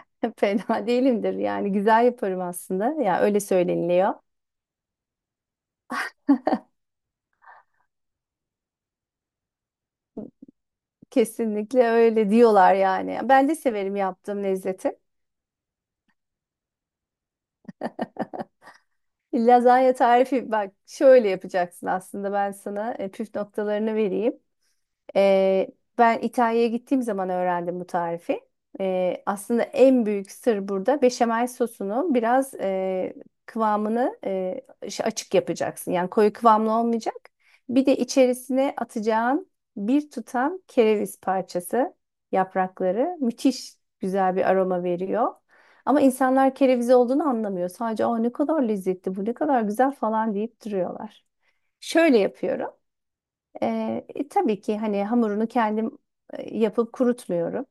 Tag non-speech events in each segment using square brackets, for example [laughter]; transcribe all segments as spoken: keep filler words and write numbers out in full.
[laughs] Fena değilimdir, yani güzel yaparım aslında, ya öyle söyleniliyor. Kesinlikle öyle diyorlar yani. Ben de severim yaptığım lezzeti. Lazanya tarifi, bak şöyle yapacaksın, aslında ben sana e, püf noktalarını vereyim. Ee, Ben İtalya'ya gittiğim zaman öğrendim bu tarifi. Ee, aslında en büyük sır burada, beşamel sosunu biraz e, kıvamını e, şey, açık yapacaksın. Yani koyu kıvamlı olmayacak. Bir de içerisine atacağın bir tutam kereviz parçası, yaprakları müthiş güzel bir aroma veriyor. Ama insanlar kereviz olduğunu anlamıyor. Sadece o ne kadar lezzetli, bu ne kadar güzel falan deyip duruyorlar. Şöyle yapıyorum. Ee, e, tabii ki hani hamurunu kendim e, yapıp kurutmuyorum.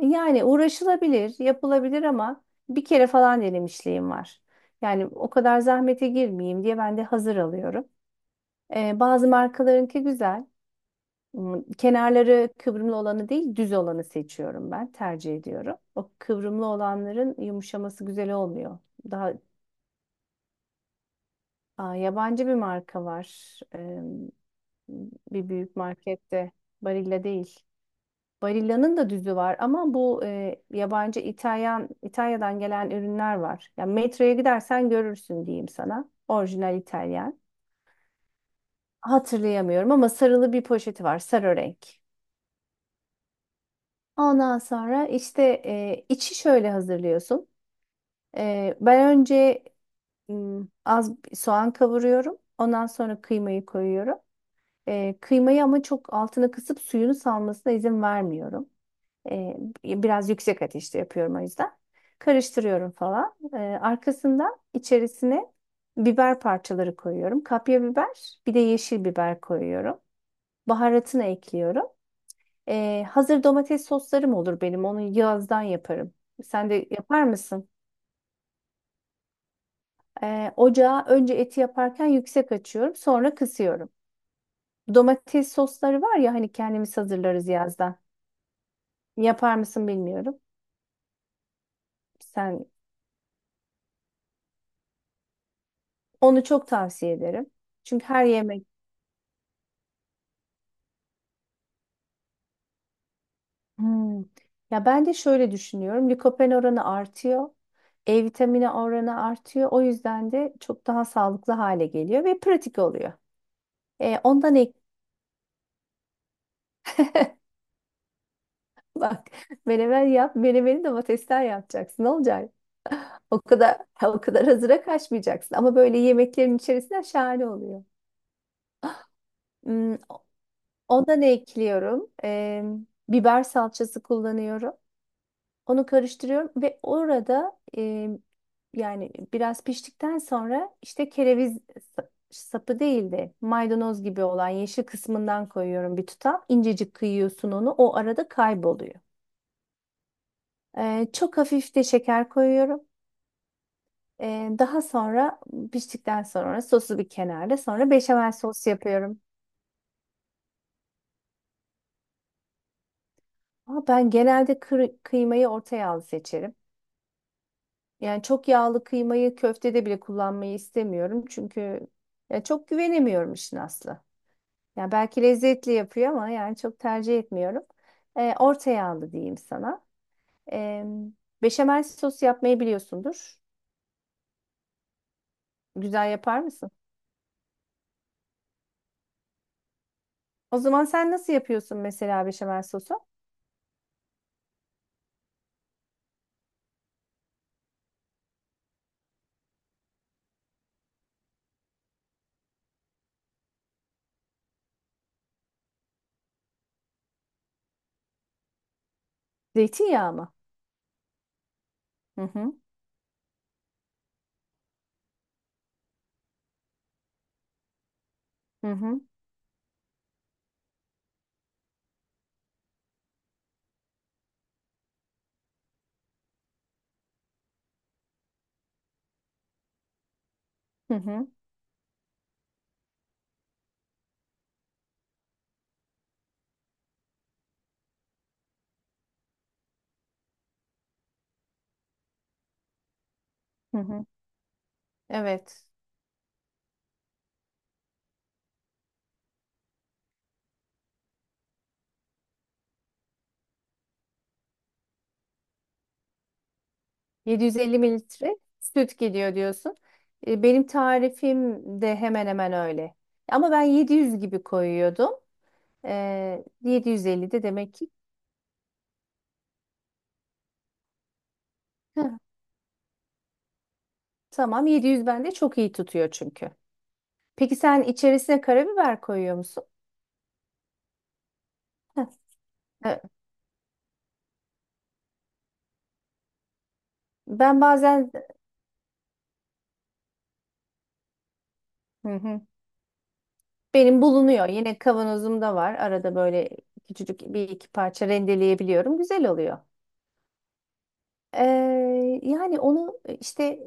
Yani uğraşılabilir, yapılabilir ama bir kere falan denemişliğim var. Yani o kadar zahmete girmeyeyim diye ben de hazır alıyorum. Ee, bazı markalarınki güzel. Hmm, kenarları kıvrımlı olanı değil, düz olanı seçiyorum ben, tercih ediyorum. O kıvrımlı olanların yumuşaması güzel olmuyor. Daha, aa, yabancı bir marka var. Ee, bir büyük markette. Barilla değil. Barilla'nın da düzü var ama bu e, yabancı İtalyan, İtalya'dan gelen ürünler var. Yani metroya gidersen görürsün, diyeyim sana. Orijinal İtalyan. Hatırlayamıyorum ama sarılı bir poşeti var, sarı renk. Ondan sonra işte e, içi şöyle hazırlıyorsun. E, ben önce m, az bir soğan kavuruyorum. Ondan sonra kıymayı koyuyorum. E, kıymayı ama çok altına kısıp suyunu salmasına izin vermiyorum. E, Biraz yüksek ateşte yapıyorum o yüzden. Karıştırıyorum falan. E, arkasından içerisine biber parçaları koyuyorum. Kapya biber, bir de yeşil biber koyuyorum. Baharatını ekliyorum. E, hazır domates soslarım olur benim. Onu yazdan yaparım. Sen de yapar mısın? E, ocağa önce eti yaparken yüksek açıyorum, sonra kısıyorum. Domates sosları var ya, hani kendimiz hazırlarız yazdan. Yapar mısın bilmiyorum. Sen onu çok tavsiye ederim. Çünkü her yemek. Hmm. Ya ben de şöyle düşünüyorum. Likopen oranı artıyor. E vitamini oranı artıyor. O yüzden de çok daha sağlıklı hale geliyor ve pratik oluyor. E, ondan ek [laughs] Bak, menemen yap. Menemeni domatesler yapacaksın. Ne olacak? O kadar, o kadar hazıra kaçmayacaksın. Ama böyle yemeklerin içerisinden şahane oluyor. Hmm, ondan ekliyorum. E, biber salçası kullanıyorum. Onu karıştırıyorum ve orada e, yani biraz piştikten sonra, işte kereviz sa- sapı değil de maydanoz gibi olan yeşil kısmından koyuyorum bir tutam. İncecik kıyıyorsun onu. O arada kayboluyor. E, çok hafif de şeker koyuyorum. E, daha sonra piştikten sonra sosu bir kenarda. Sonra beşamel sos yapıyorum. Ama ben genelde kır- kıymayı orta yağlı seçerim. Yani çok yağlı kıymayı köftede bile kullanmayı istemiyorum. Çünkü ya çok güvenemiyorum, işin aslı. Yani belki lezzetli yapıyor ama yani çok tercih etmiyorum. Ee, orta yağlı diyeyim sana. Ee, Beşamel sosu yapmayı biliyorsundur. Güzel yapar mısın? O zaman sen nasıl yapıyorsun mesela beşamel sosu? Zeytinyağı mı? Hı hı. Hı hı, hı hı, hı hı. Evet. yedi yüz elli mililitre süt gidiyor diyorsun. E, Benim tarifim de hemen hemen öyle. Ama ben yedi yüz gibi koyuyordum. E, yedi yüz elli de demek ki. Heh, tamam, yedi yüz bende çok iyi tutuyor çünkü. Peki sen içerisine karabiber koyuyor musun? Heh, e, ben bazen. Hı hı. Benim bulunuyor. Yine kavanozumda var. Arada böyle küçücük bir iki parça rendeleyebiliyorum. Güzel oluyor. Ee, yani onu işte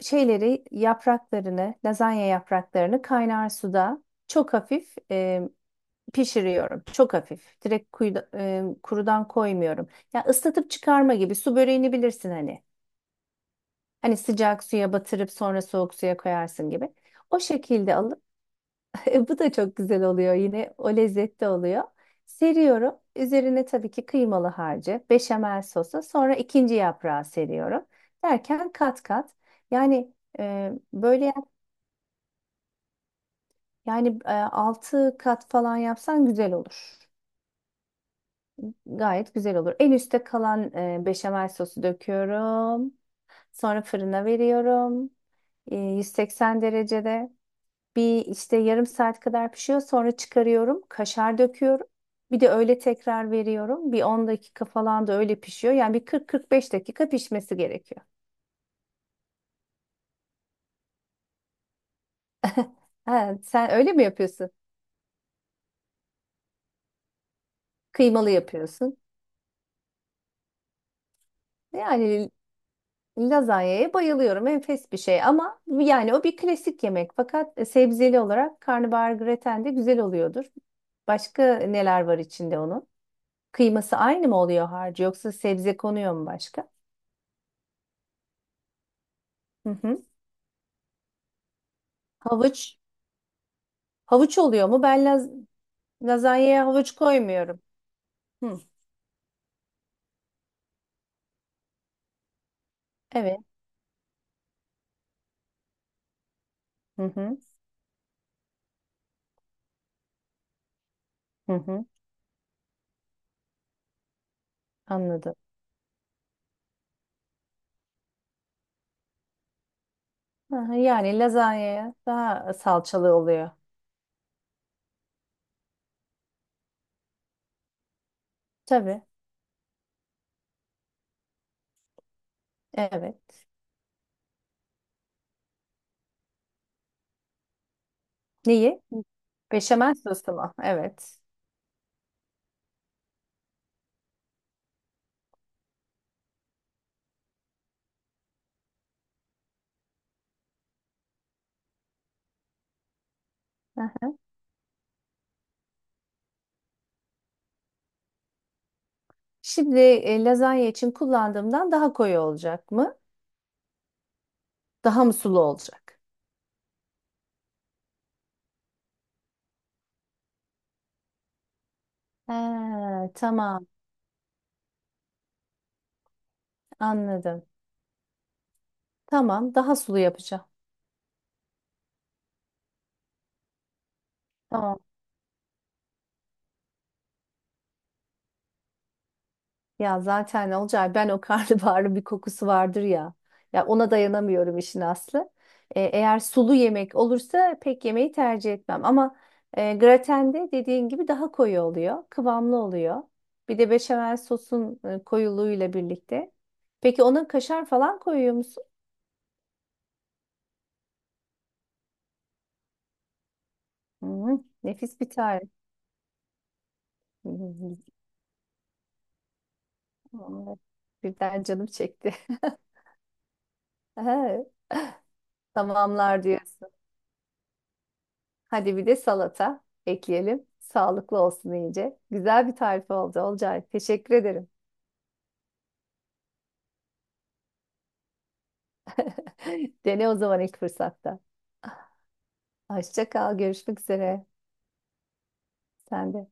şeyleri yapraklarını, lazanya yapraklarını kaynar suda çok hafif e, pişiriyorum. Çok hafif. Direkt kuyuda- e, kurudan koymuyorum. Ya ıslatıp çıkarma gibi, su böreğini bilirsin hani. Hani sıcak suya batırıp sonra soğuk suya koyarsın gibi. O şekilde alıp [laughs] bu da çok güzel oluyor, yine o lezzette oluyor. Seriyorum. Üzerine tabii ki kıymalı harcı, beşamel sosu, sonra ikinci yaprağı seriyorum. Derken kat kat. Yani e, böyle Yani altı kat falan yapsan güzel olur. Gayet güzel olur. En üstte kalan e, beşamel sosu döküyorum. Sonra fırına veriyorum. E, yüz seksen derecede bir işte yarım saat kadar pişiyor. Sonra çıkarıyorum. Kaşar döküyorum. Bir de öyle tekrar veriyorum. Bir on dakika falan da öyle pişiyor. Yani bir kırk kırk beş dakika pişmesi gerekiyor. [laughs] Ha, sen öyle mi yapıyorsun? Kıymalı yapıyorsun. Yani lazanyaya bayılıyorum. Enfes bir şey ama yani o bir klasik yemek. Fakat e, sebzeli olarak karnabahar graten de güzel oluyordur. Başka neler var içinde onun? Kıyması aynı mı oluyor harcı, yoksa sebze konuyor mu başka? Hı hı. Havuç. Havuç oluyor mu? Ben laz Lazanyaya havuç koymuyorum. Hı. Evet. Hı hı. Hı hı. Anladım. Hı hı. Yani lazanyaya daha salçalı oluyor. Tabii. Evet. Neyi? Beşamel sosu mu? Evet. Şimdi e, lazanya için kullandığımdan daha koyu olacak mı? Daha mı sulu olacak? Ha, tamam, anladım. Tamam, daha sulu yapacağım. Tamam. Ya zaten ne olacak. Ben o [laughs] karnabaharın bir kokusu vardır ya. Ya ona dayanamıyorum, işin aslı. E, eğer sulu yemek olursa pek yemeği tercih etmem. Ama e, gratende dediğin gibi daha koyu oluyor. Kıvamlı oluyor. Bir de beşamel sosun e, koyuluğuyla birlikte. Peki ona kaşar falan koyuyor musun? Hı, nefis bir tarif. Hı hı, tamamdır. Birden canım çekti. [laughs] Aha, tamamlar diyorsun. Hadi bir de salata ekleyelim. Sağlıklı olsun iyice. Güzel bir tarif oldu Olcay. Teşekkür ederim. [laughs] Dene o zaman ilk fırsatta. Hoşça kal. Görüşmek üzere. Sen de.